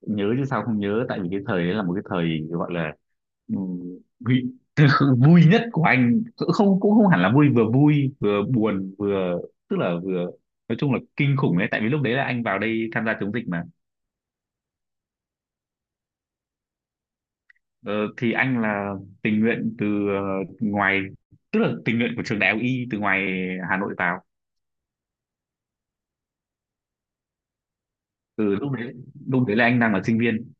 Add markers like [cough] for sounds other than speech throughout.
Nhớ chứ, sao không nhớ. Tại vì cái thời đấy là một cái thời gọi là vui, [laughs] vui nhất của anh cũng không hẳn là vui, vừa vui vừa buồn vừa tức là vừa nói chung là kinh khủng đấy. Tại vì lúc đấy là anh vào đây tham gia chống dịch mà. Ờ, thì anh là tình nguyện từ ờ, ngoài, tức là tình nguyện của trường đại học Y từ ngoài Hà Nội vào. Từ lúc đấy là anh đang là sinh viên.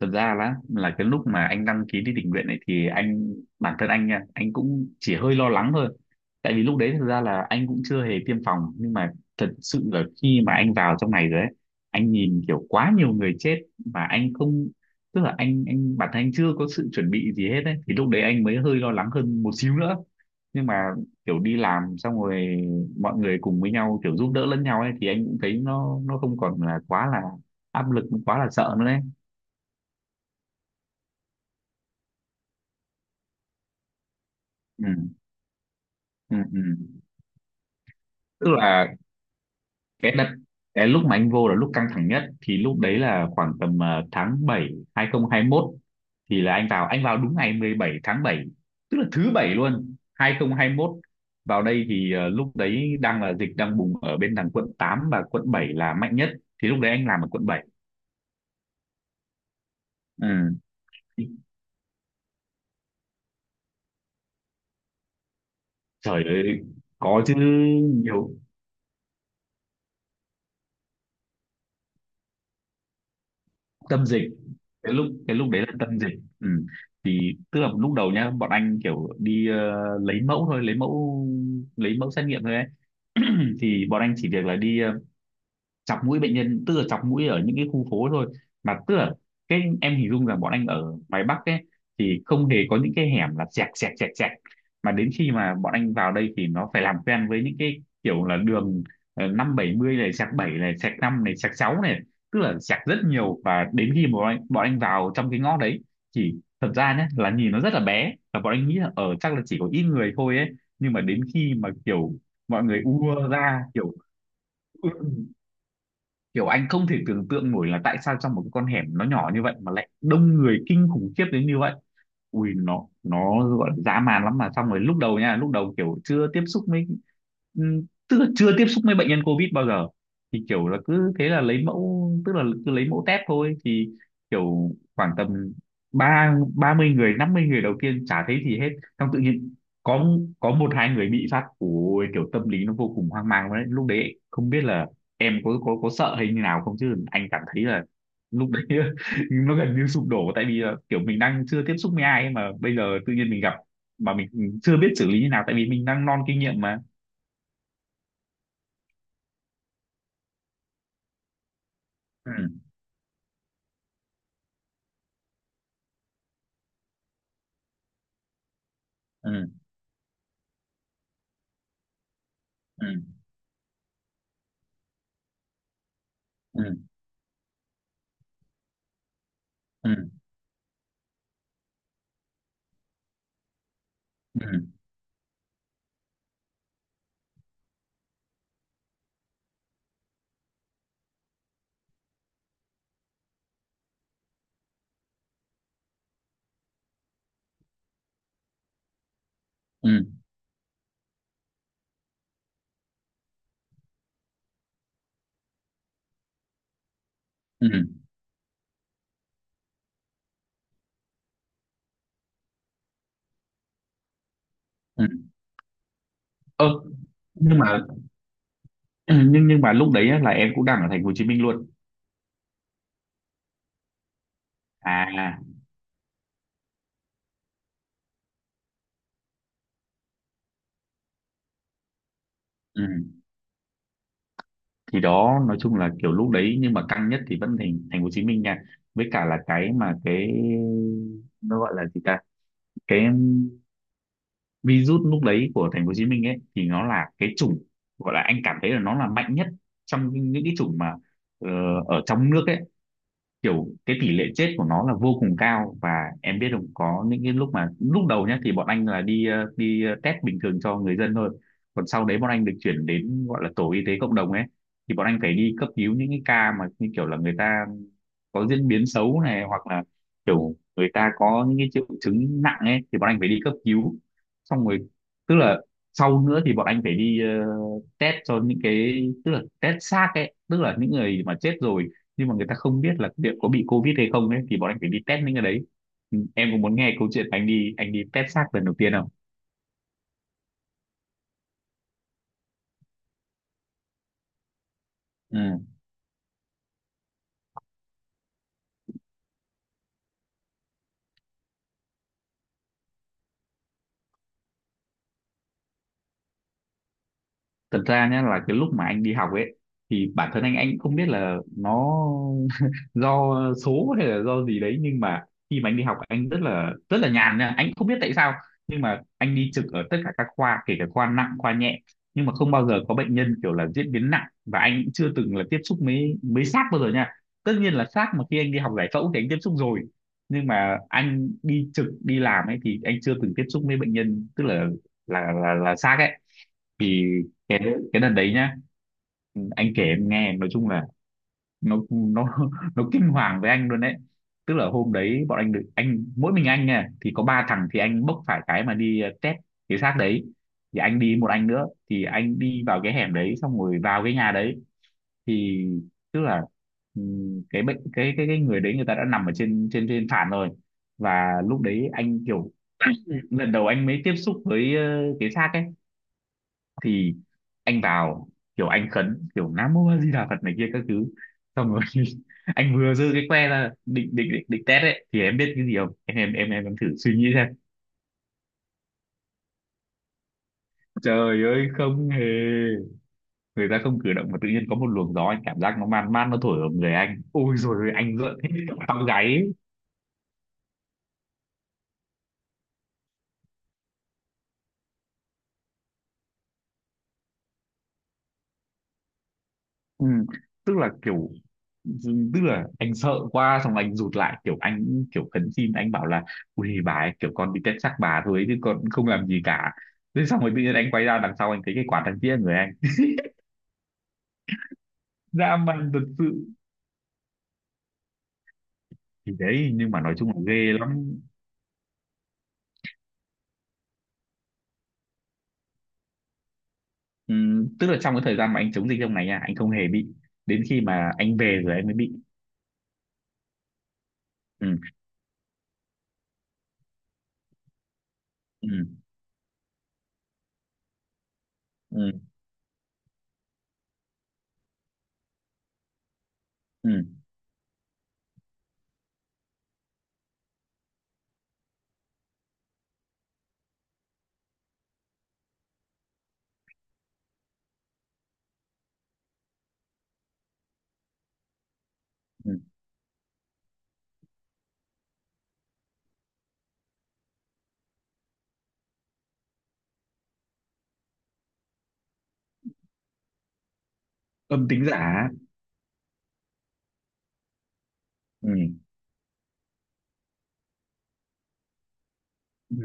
Thật ra là cái lúc mà anh đăng ký đi tình nguyện này thì anh bản thân anh nha, anh cũng chỉ hơi lo lắng thôi. Tại vì lúc đấy thực ra là anh cũng chưa hề tiêm phòng. Nhưng mà thật sự là khi mà anh vào trong này rồi ấy, anh nhìn kiểu quá nhiều người chết mà anh không, tức là anh bản thân anh chưa có sự chuẩn bị gì hết ấy, thì lúc đấy anh mới hơi lo lắng hơn một xíu nữa. Nhưng mà kiểu đi làm xong rồi, mọi người cùng với nhau kiểu giúp đỡ lẫn nhau ấy, thì anh cũng thấy nó không còn là quá là áp lực, quá là sợ nữa, đấy. Ừ, ừ. Tức là cái đợt cái lúc mà anh vô là lúc căng thẳng nhất, thì lúc đấy là khoảng tầm tháng 7 2021. Thì là anh vào đúng ngày 17 tháng 7, tức là thứ bảy luôn, 2021. Vào đây thì lúc đấy đang là dịch đang bùng ở bên đằng quận 8 và quận 7 là mạnh nhất, thì lúc đấy anh làm ở quận 7. Ừ. Trời ơi, có chứ, nhiều. Tâm dịch. Cái lúc đấy là tâm dịch. Ừ. Thì tức là lúc đầu nhá, bọn anh kiểu đi lấy mẫu thôi, lấy mẫu xét nghiệm thôi ấy. Thì bọn anh chỉ việc là đi chọc mũi bệnh nhân, tức là chọc mũi ở những cái khu phố thôi. Mà tức là cái em hình dung là bọn anh ở ngoài Bắc ấy, thì không hề có những cái hẻm là sẹt sẹt sẹt sẹt. Mà đến khi mà bọn anh vào đây thì nó phải làm quen với những cái kiểu là đường năm bảy mươi này sẹt bảy này sẹt năm này sẹt sáu này, tức là sẹt rất nhiều. Và đến khi mà bọn anh vào trong cái ngõ đấy, thì thật ra nhé là nhìn nó rất là bé, và bọn anh nghĩ là ở chắc là chỉ có ít người thôi ấy. Nhưng mà đến khi mà kiểu mọi người ùa ra kiểu, kiểu anh không thể tưởng tượng nổi là tại sao trong một cái con hẻm nó nhỏ như vậy mà lại đông người kinh khủng khiếp đến như vậy. Ui, nó gọi là dã man lắm. Mà xong rồi lúc đầu nha, lúc đầu kiểu chưa tiếp xúc với ừm, tức là chưa tiếp xúc với bệnh nhân covid bao giờ, thì kiểu là cứ thế là lấy mẫu, tức là cứ lấy mẫu test thôi. Thì kiểu khoảng tầm ba ba mươi người, 50 người đầu tiên chả thấy gì hết. Xong tự nhiên có có một hai người bị phát, ôi kiểu tâm lý nó vô cùng hoang mang đấy lúc đấy, không biết là em có sợ hay như nào không, chứ anh cảm thấy là lúc đấy [laughs] nó gần như sụp đổ. Tại vì là kiểu mình đang chưa tiếp xúc với ai ấy mà bây giờ tự nhiên mình gặp, mà mình chưa biết xử lý như nào, tại vì mình đang non kinh nghiệm mà. Ừ, ừ, ừ, ừ, ừ, ừ, ừ, ừ, ừ. Ơ, nhưng mà [clears throat] nhưng mà lúc đấy á, là em cũng đang ở thành phố Hồ Chí Minh luôn. À. Ừ. Thì đó nói chung là kiểu lúc đấy, nhưng mà căng nhất thì vẫn thành thành phố Hồ Chí Minh nha. Với cả là cái mà cái nó gọi là gì ta, cái virus lúc đấy của thành phố Hồ Chí Minh ấy, thì nó là cái chủng, gọi là anh cảm thấy là nó là mạnh nhất trong những cái chủng mà ờ, ở trong nước ấy. Kiểu cái tỷ lệ chết của nó là vô cùng cao. Và em biết không, có những cái lúc mà lúc đầu nhá thì bọn anh là test bình thường cho người dân thôi, còn sau đấy bọn anh được chuyển đến gọi là tổ y tế cộng đồng ấy, thì bọn anh phải đi cấp cứu những cái ca mà như kiểu là người ta có diễn biến xấu này, hoặc là kiểu người ta có những cái triệu chứng nặng ấy, thì bọn anh phải đi cấp cứu. Xong rồi, tức là sau nữa thì bọn anh phải đi test cho những cái, tức là test xác ấy, tức là những người mà chết rồi nhưng mà người ta không biết là liệu có bị covid hay không ấy, thì bọn anh phải đi test những cái đấy. Ừ, em có muốn nghe câu chuyện anh đi, test xác lần đầu tiên không? Ừ. Thật ra nhá là cái lúc mà anh đi học ấy, thì bản thân anh cũng không biết là nó [laughs] do số hay là do gì đấy. Nhưng mà khi mà anh đi học, anh rất là nhàn nha, anh cũng không biết tại sao, nhưng mà anh đi trực ở tất cả các khoa, kể cả khoa nặng khoa nhẹ, nhưng mà không bao giờ có bệnh nhân kiểu là diễn biến nặng, và anh cũng chưa từng là tiếp xúc mấy mấy xác bao giờ nha. Tất nhiên là xác mà khi anh đi học giải phẫu thì anh tiếp xúc rồi, nhưng mà anh đi trực đi làm ấy thì anh chưa từng tiếp xúc với bệnh nhân, tức là là xác ấy. Thì cái cái đợt đấy nhá, anh kể em nghe, nói chung là nó [laughs] nó kinh hoàng với anh luôn đấy. Tức là hôm đấy bọn anh được, anh mỗi mình anh nha, thì có ba thằng, thì anh bốc phải cái mà đi test cái xác đấy. Thì anh đi một anh nữa, thì anh đi vào cái hẻm đấy, xong rồi vào cái nhà đấy. Thì tức là cái bệnh cái người đấy, người ta đã nằm ở trên trên trên sàn rồi. Và lúc đấy anh kiểu [clears throat] lần đầu anh mới tiếp xúc với cái xác ấy. Thì anh vào, kiểu anh khấn kiểu Nam Mô A Di Đà Phật này kia các thứ, xong rồi [laughs] anh vừa giơ cái que ra định test ấy, thì em biết cái gì không em, thử suy nghĩ xem. Trời ơi, không hề, người ta không cử động mà tự nhiên có một luồng gió, anh cảm giác nó man man nó thổi ở người anh, ôi rồi anh giận hết cả tóc gáy ấy. Ừ. Tức là kiểu, tức là anh sợ quá xong anh rụt lại, kiểu anh kiểu khấn xin, anh bảo là ui bà ấy, kiểu con đi test xác bà thôi chứ con không làm gì cả. Thế xong rồi tự nhiên anh quay ra đằng sau, anh thấy cái quả thằng kia người anh dã man thật sự. Thì đấy nhưng mà nói chung là ghê lắm. Tức là trong cái thời gian mà anh chống dịch trong này nha, anh không hề bị, đến khi mà anh về rồi anh mới bị. Ừ, ừ, ừ, ừ, ừ. Âm tính giả. Ừ, ừ.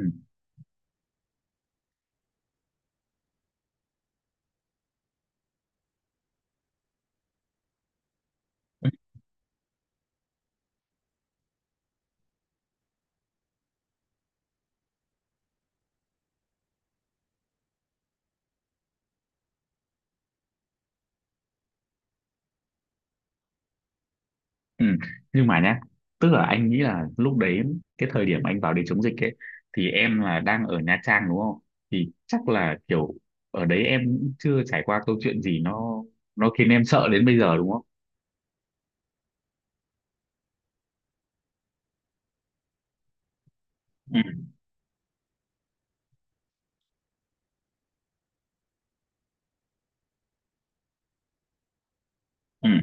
Ừ. Nhưng mà nhá, tức là anh nghĩ là lúc đấy, cái thời điểm anh vào để chống dịch ấy, thì em là đang ở Nha Trang đúng không? Thì chắc là kiểu ở đấy em cũng chưa trải qua câu chuyện gì nó khiến em sợ đến bây giờ đúng không? Ừ, ừ,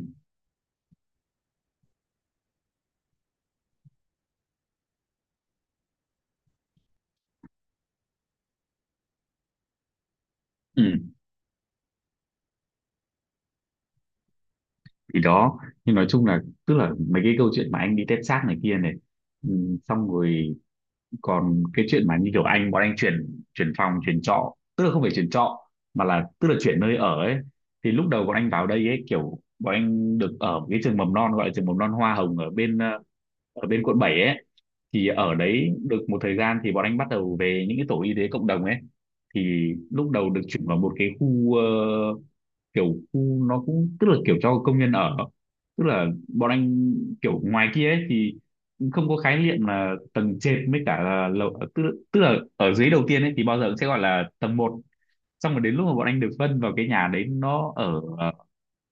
ừ. Thì đó, nhưng nói chung là tức là mấy cái câu chuyện mà anh đi tép xác này kia này, ừ, xong rồi còn cái chuyện mà như kiểu anh, bọn anh chuyển chuyển phòng chuyển trọ, tức là không phải chuyển trọ mà là tức là chuyển nơi ở ấy. Thì lúc đầu bọn anh vào đây ấy kiểu bọn anh được ở cái trường mầm non, gọi là trường mầm non Hoa Hồng ở bên ở bên quận 7 ấy. Thì ở đấy được một thời gian thì bọn anh bắt đầu về những cái tổ y tế cộng đồng ấy. Thì lúc đầu được chuyển vào một cái khu kiểu, khu nó cũng tức là kiểu cho công nhân ở. Tức là bọn anh kiểu ngoài kia ấy thì không có khái niệm là tầng trệt với cả là lầu, tức là ở dưới đầu tiên ấy thì bao giờ cũng sẽ gọi là tầng 1. Xong rồi đến lúc mà bọn anh được phân vào cái nhà đấy, nó ở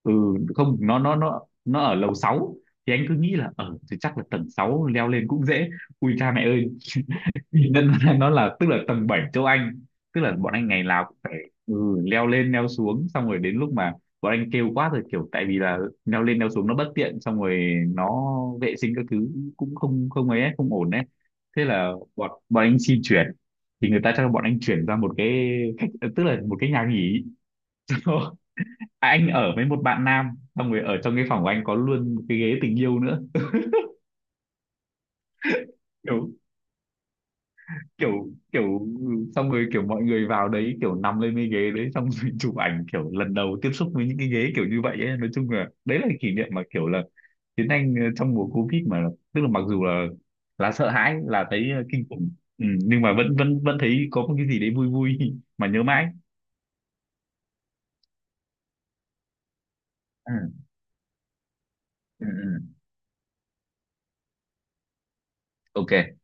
ừ, không, nó ở lầu 6. Thì anh cứ nghĩ là ở thì chắc là tầng 6 leo lên cũng dễ, ui cha mẹ ơi. Thì nên [laughs] là nó là tức là tầng 7 châu Anh, tức là bọn anh ngày nào cũng phải, ừ, leo lên leo xuống. Xong rồi đến lúc mà bọn anh kêu quá rồi kiểu, tại vì là leo lên leo xuống nó bất tiện, xong rồi nó vệ sinh các thứ cũng không không ấy ấy, không ổn đấy. Thế là bọn bọn anh xin chuyển. Thì người ta cho bọn anh chuyển ra một cái khách, tức là một cái nhà nghỉ. [laughs] Anh ở với một bạn nam, xong rồi ở trong cái phòng của anh có luôn một cái ghế tình yêu nữa. Kiểu kiểu kiểu, xong rồi kiểu mọi người vào đấy kiểu nằm lên cái ghế đấy, xong rồi [laughs] chụp ảnh kiểu lần đầu tiếp xúc với những cái ghế kiểu như vậy ấy. Nói chung là đấy là kỷ niệm mà kiểu là Tiến Anh trong mùa Covid, mà tức là mặc dù là sợ hãi, là thấy kinh khủng, ừ, nhưng mà vẫn vẫn vẫn thấy có một cái gì đấy vui vui [laughs] mà nhớ mãi. Ừ, ừ, ừ. Ok.